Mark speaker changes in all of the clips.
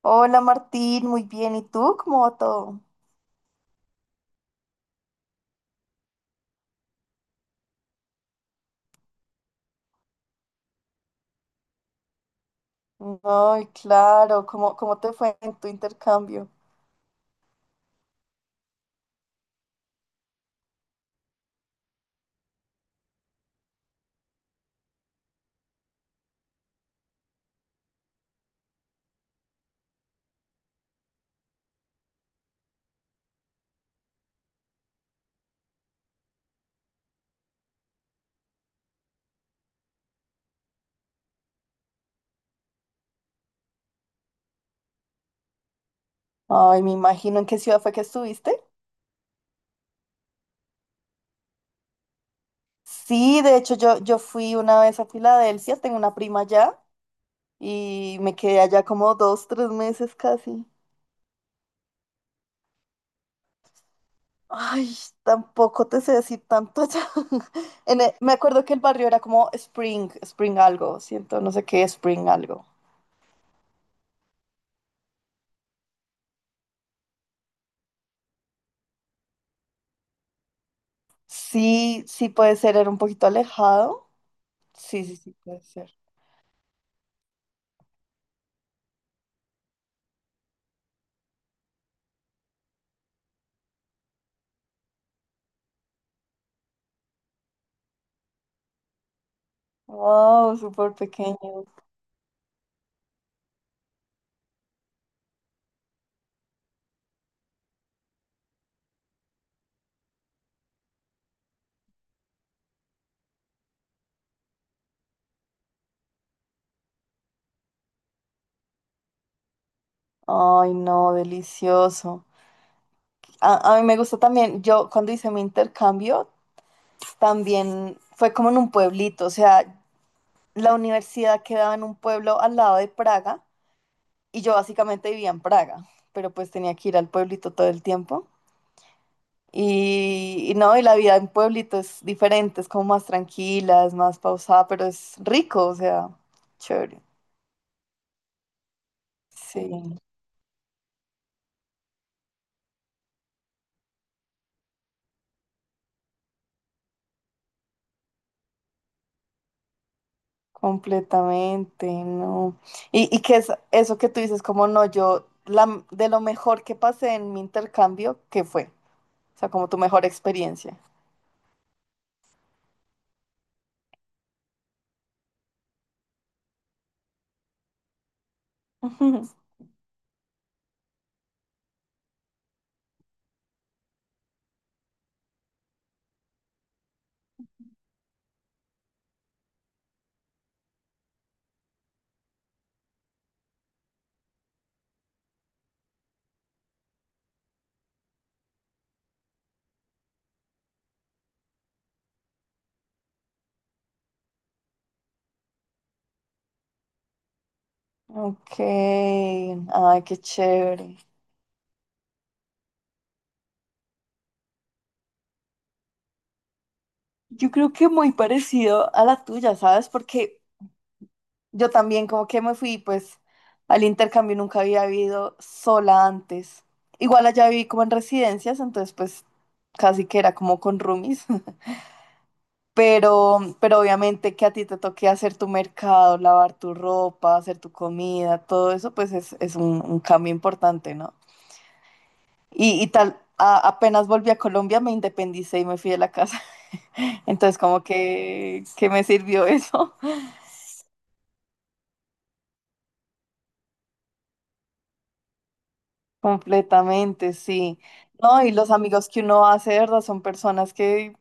Speaker 1: Hola Martín, muy bien. ¿Y tú? ¿Cómo va todo? Ay, claro, ¿cómo te fue en tu intercambio? Ay, me imagino en qué ciudad fue que estuviste. Sí, de hecho yo fui una vez a Filadelfia, tengo una prima allá y me quedé allá como dos, 3 meses casi. Ay, tampoco te sé decir tanto allá. Me acuerdo que el barrio era como Spring, Spring algo, siento, no sé qué, Spring algo. Sí, sí puede ser, era un poquito alejado. Sí, sí, sí, puede ser. Wow, súper pequeño. Ay, no, delicioso. A mí me gusta también, yo cuando hice mi intercambio, también fue como en un pueblito, o sea, la universidad quedaba en un pueblo al lado de Praga y yo básicamente vivía en Praga, pero pues tenía que ir al pueblito todo el tiempo. Y no, y la vida en pueblito es diferente, es como más tranquila, es más pausada, pero es rico, o sea, chévere. Sí. Completamente, no. Y que es eso que tú dices, como no, yo, la, de lo mejor que pasé en mi intercambio, ¿qué fue? O sea, como tu mejor experiencia. Ujú. Ok, ay, qué chévere. Yo creo que muy parecido a la tuya, ¿sabes? Porque yo también como que me fui, pues, al intercambio nunca había vivido sola antes. Igual allá viví como en residencias, entonces pues casi que era como con roomies. Pero obviamente que a ti te toque hacer tu mercado, lavar tu ropa, hacer tu comida, todo eso, pues es un cambio importante, ¿no? Y tal, apenas volví a Colombia, me independicé y me fui de la casa. Entonces, como que me sirvió eso. Completamente, sí. No, y los amigos que uno hace, de ¿verdad? Son personas que,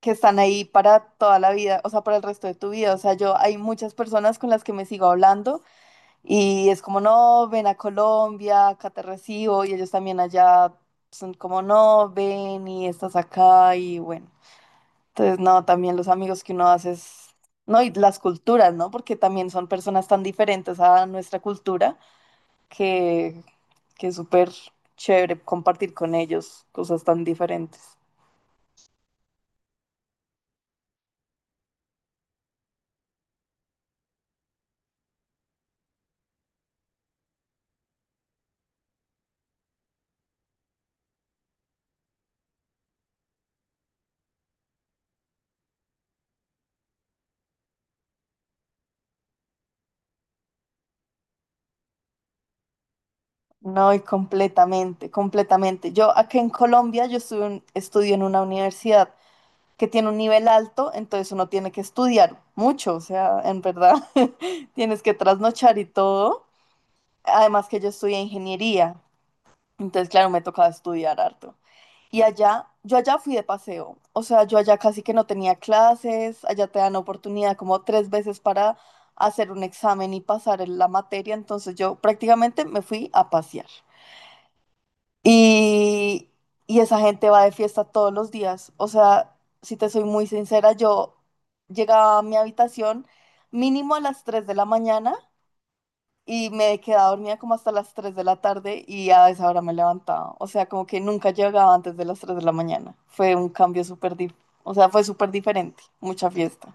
Speaker 1: que están ahí para toda la vida, o sea, para el resto de tu vida. O sea, yo hay muchas personas con las que me sigo hablando. Y es como, no, ven a Colombia, acá te recibo, y ellos también allá son como, no, ven y estás acá, y bueno. Entonces, no, también los amigos que uno hace es, no, y las culturas, ¿no? Porque también son personas tan diferentes a nuestra cultura que, que es súper chévere compartir con ellos cosas tan diferentes. No, y completamente, completamente. Yo acá en Colombia, yo estuve estudio en una universidad que tiene un nivel alto, entonces uno tiene que estudiar mucho, o sea, en verdad tienes que trasnochar y todo. Además que yo estudié ingeniería, entonces claro, me tocaba estudiar harto. Y allá, yo allá fui de paseo, o sea, yo allá casi que no tenía clases, allá te dan oportunidad como tres veces para hacer un examen y pasar en la materia, entonces yo prácticamente me fui a pasear. Y, y esa gente va de fiesta todos los días. O sea, si te soy muy sincera, yo llegaba a mi habitación mínimo a las 3 de la mañana y me quedaba dormida como hasta las 3 de la tarde y a esa hora me levantaba. O sea, como que nunca llegaba antes de las 3 de la mañana. Fue un cambio súper, o sea, fue súper diferente. Mucha fiesta.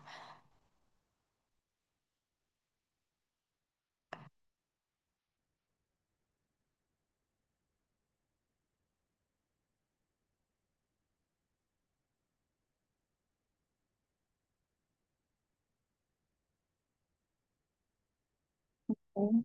Speaker 1: Mm.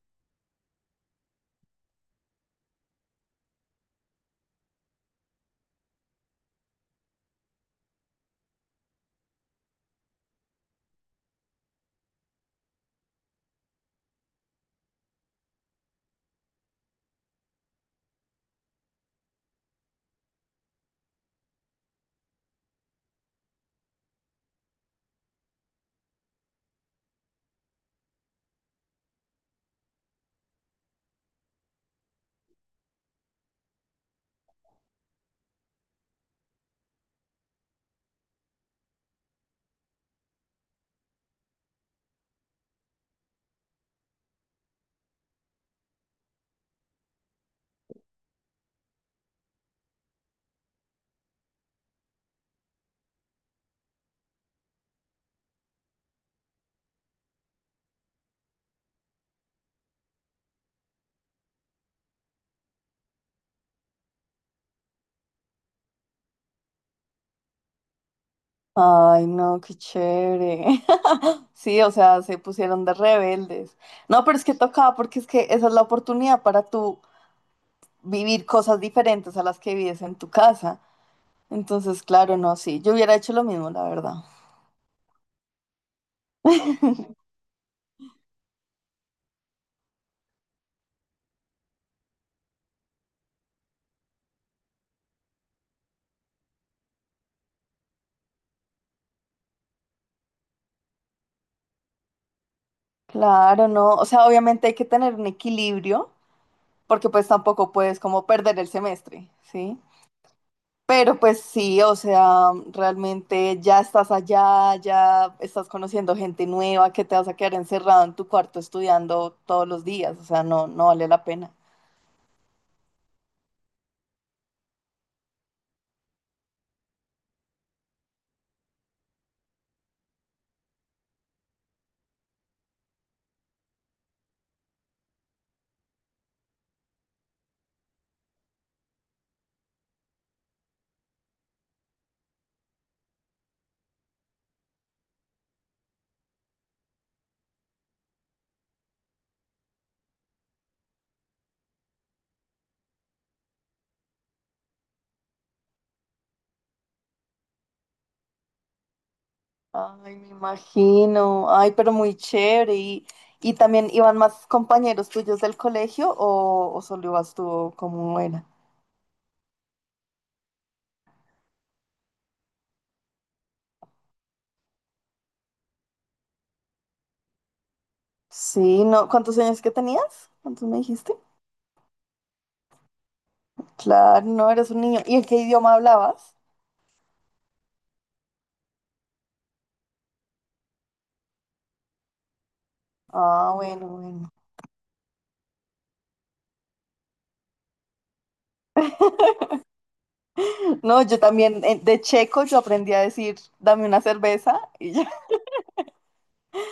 Speaker 1: Ay, no, qué chévere. Sí, o sea, se pusieron de rebeldes. No, pero es que tocaba porque es que esa es la oportunidad para tú vivir cosas diferentes a las que vives en tu casa. Entonces, claro, no, sí, yo hubiera hecho lo mismo, la verdad. Claro, no, o sea, obviamente hay que tener un equilibrio, porque pues tampoco puedes como perder el semestre, ¿sí? Pero pues sí, o sea, realmente ya estás allá, ya estás conociendo gente nueva, que te vas a quedar encerrado en tu cuarto estudiando todos los días, o sea, no, no vale la pena. Ay, me imagino. Ay, pero muy chévere. ¿Y también iban más compañeros tuyos del colegio o solo ibas tú o cómo era? Sí, no. ¿Cuántos años que tenías? ¿Cuántos me dijiste? Claro, no, eres un niño. ¿Y en qué idioma hablabas? Ah, bueno, bueno. No, yo también de checo yo aprendí a decir, dame una cerveza y ya.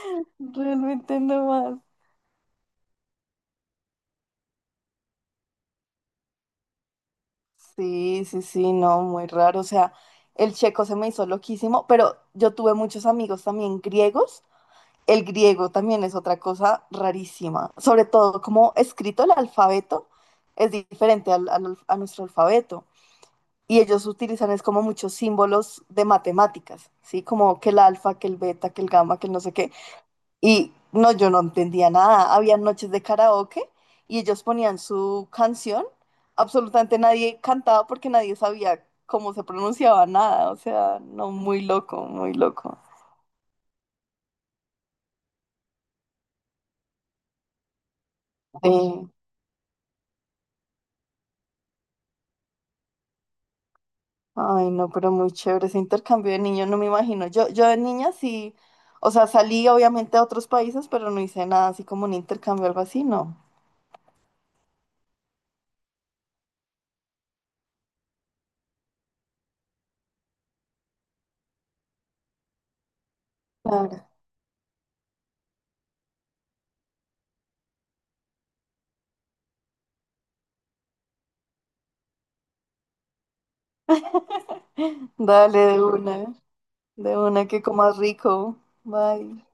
Speaker 1: Realmente no más. Sí, sí, sí, no, muy raro. O sea, el checo se me hizo loquísimo, pero yo tuve muchos amigos también griegos. El griego también es otra cosa rarísima, sobre todo como escrito el alfabeto es diferente a nuestro alfabeto y ellos utilizan es como muchos símbolos de matemáticas, ¿sí? Como que el alfa, que el beta, que el gamma, que el no sé qué. Y no, yo no entendía nada. Había noches de karaoke y ellos ponían su canción. Absolutamente nadie cantaba porque nadie sabía cómo se pronunciaba nada. O sea, no, muy loco, muy loco. Sí. Ay, no, pero muy chévere ese intercambio de niños, no me imagino. Yo de niña sí, o sea, salí obviamente a otros países, pero no hice nada así como un intercambio o algo así, no. Claro. Dale de una que comas rico. Bye.